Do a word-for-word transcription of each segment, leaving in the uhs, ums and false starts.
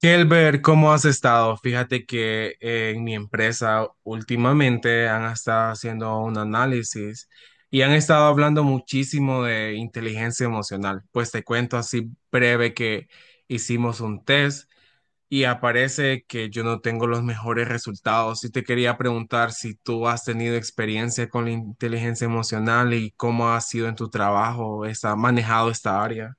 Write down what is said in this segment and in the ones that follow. Kelber, ¿cómo has estado? Fíjate que eh, en mi empresa últimamente han estado haciendo un análisis y han estado hablando muchísimo de inteligencia emocional. Pues te cuento así breve que hicimos un test y aparece que yo no tengo los mejores resultados. Y te quería preguntar si tú has tenido experiencia con la inteligencia emocional y cómo ha sido en tu trabajo, ¿has manejado esta área?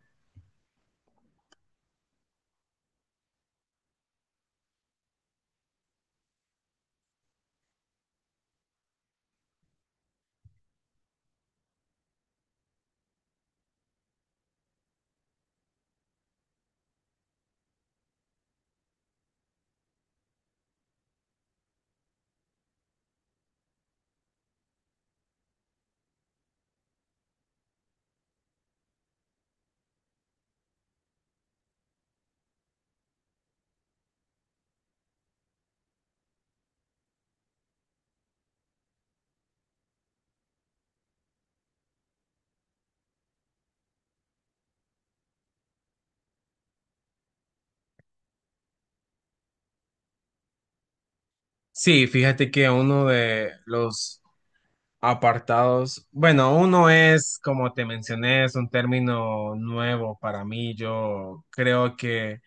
Sí, fíjate que uno de los apartados. Bueno, uno es, como te mencioné, es un término nuevo para mí. Yo creo que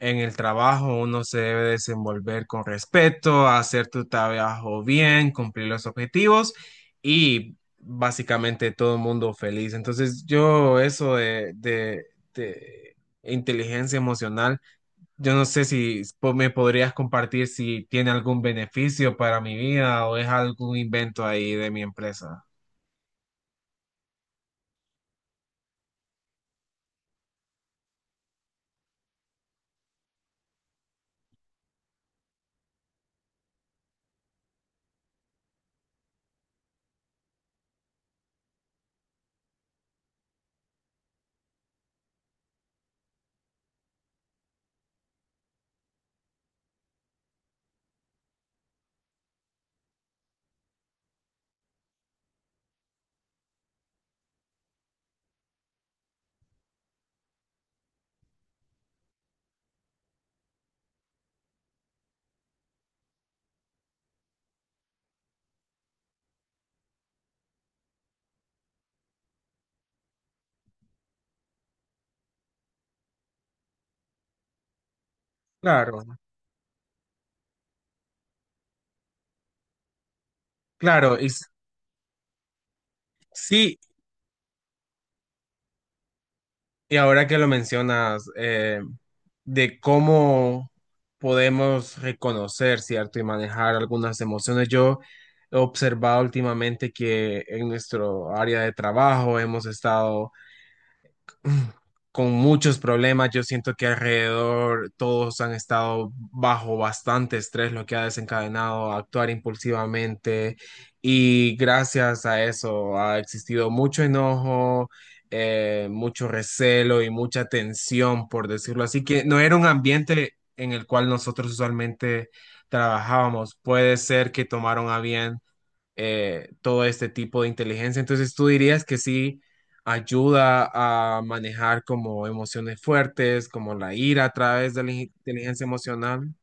en el trabajo uno se debe desenvolver con respeto, hacer tu trabajo bien, cumplir los objetivos y básicamente todo el mundo feliz. Entonces yo eso de, de, de inteligencia emocional, yo no sé si po- me podrías compartir si tiene algún beneficio para mi vida o es algún invento ahí de mi empresa. Claro, claro, y s- sí, y ahora que lo mencionas, eh, de cómo podemos reconocer, ¿cierto? Y manejar algunas emociones. Yo he observado últimamente que en nuestro área de trabajo hemos estado con muchos problemas. Yo siento que alrededor todos han estado bajo bastante estrés, lo que ha desencadenado a actuar impulsivamente. Y gracias a eso ha existido mucho enojo, eh, mucho recelo y mucha tensión, por decirlo así, que no era un ambiente en el cual nosotros usualmente trabajábamos. Puede ser que tomaron a bien eh, todo este tipo de inteligencia. Entonces, tú dirías que sí ayuda a manejar como emociones fuertes, como la ira a través de la inteligencia emocional.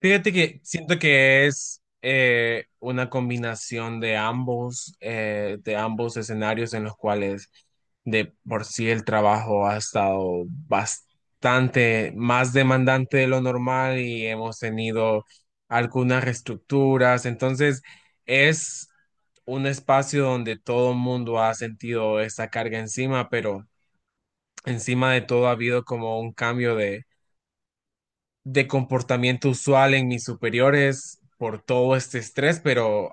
Fíjate que siento que es eh, una combinación de ambos, eh, de ambos escenarios en los cuales de por sí el trabajo ha estado bastante más demandante de lo normal y hemos tenido algunas reestructuras. Entonces, es un espacio donde todo el mundo ha sentido esa carga encima, pero encima de todo ha habido como un cambio de, de comportamiento usual en mis superiores por todo este estrés, pero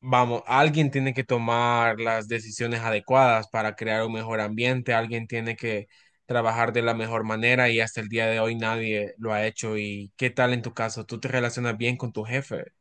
vamos, alguien tiene que tomar las decisiones adecuadas para crear un mejor ambiente, alguien tiene que trabajar de la mejor manera y hasta el día de hoy nadie lo ha hecho. ¿Y qué tal en tu caso? ¿Tú te relacionas bien con tu jefe?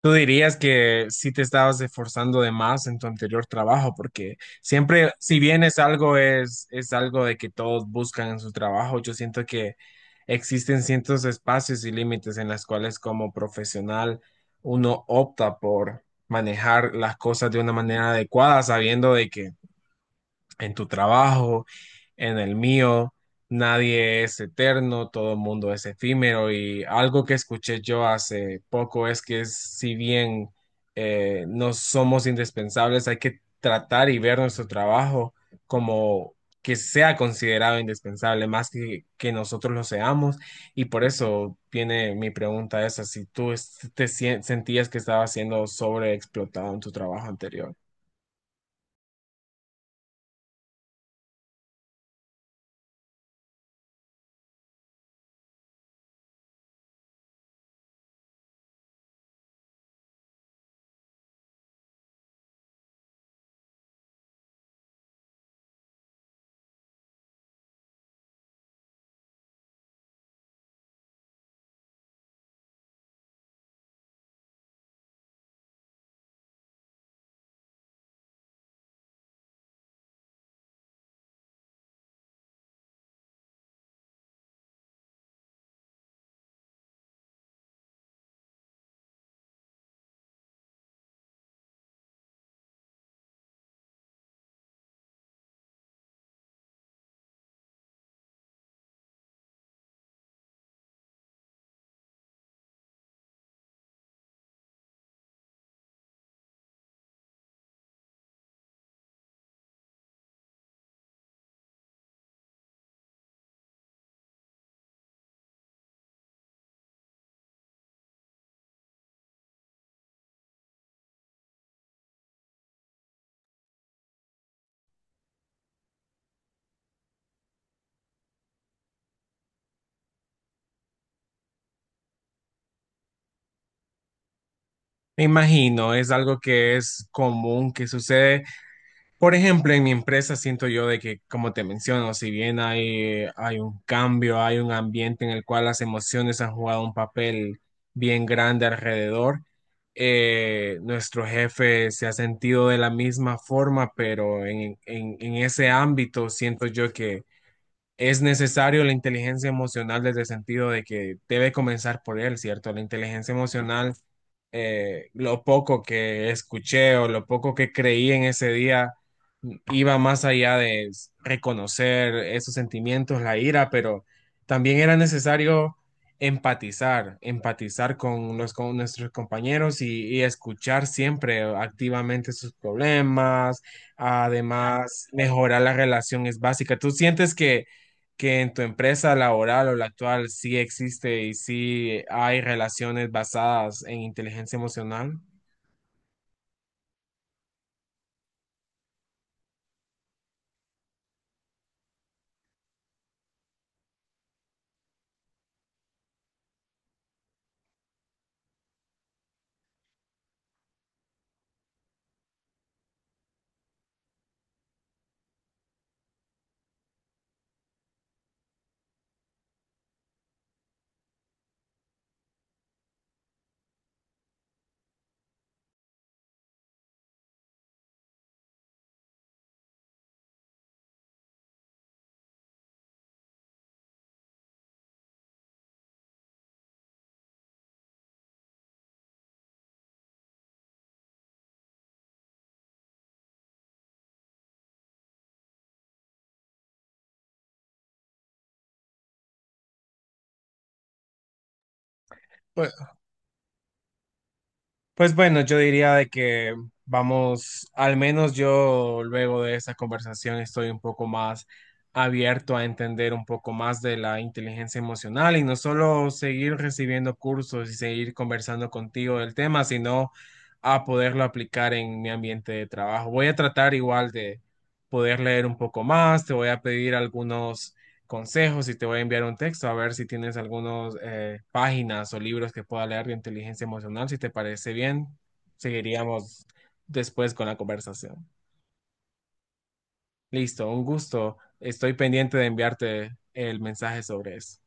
Tú dirías que sí te estabas esforzando de más en tu anterior trabajo, porque siempre, si bien es algo, es, es algo de que todos buscan en su trabajo, yo siento que existen ciertos espacios y límites en los cuales como profesional uno opta por manejar las cosas de una manera adecuada, sabiendo de que en tu trabajo, en el mío. Nadie es eterno, todo el mundo es efímero y algo que escuché yo hace poco es que si bien eh, no somos indispensables, hay que tratar y ver nuestro trabajo como que sea considerado indispensable más que, que nosotros lo seamos y por eso viene mi pregunta esa, si tú es- te sien- sentías que estabas siendo sobreexplotado en tu trabajo anterior. Me imagino, es algo que es común, que sucede. Por ejemplo, en mi empresa siento yo de que, como te menciono, si bien hay, hay un cambio, hay un ambiente en el cual las emociones han jugado un papel bien grande alrededor, eh, nuestro jefe se ha sentido de la misma forma, pero en, en en ese ámbito siento yo que es necesario la inteligencia emocional desde el sentido de que debe comenzar por él, ¿cierto? La inteligencia emocional, eh, lo poco que escuché o lo poco que creí en ese día, iba más allá de s- reconocer esos sentimientos, la ira, pero también era necesario empatizar, empatizar con, los, con nuestros compañeros y, y escuchar siempre activamente sus problemas, además mejorar la relación es básica. ¿Tú sientes que que en tu empresa laboral o la actual sí existe y sí hay relaciones basadas en inteligencia emocional? Pues bueno, yo diría de que vamos, al menos yo luego de esta conversación estoy un poco más abierto a entender un poco más de la inteligencia emocional y no solo seguir recibiendo cursos y seguir conversando contigo del tema, sino a poderlo aplicar en mi ambiente de trabajo. Voy a tratar igual de poder leer un poco más, te voy a pedir algunos consejos y te voy a enviar un texto a ver si tienes algunas páginas o libros que pueda leer de inteligencia emocional. Si te parece bien, seguiríamos después con la conversación. Listo, un gusto. Estoy pendiente de enviarte el mensaje sobre eso.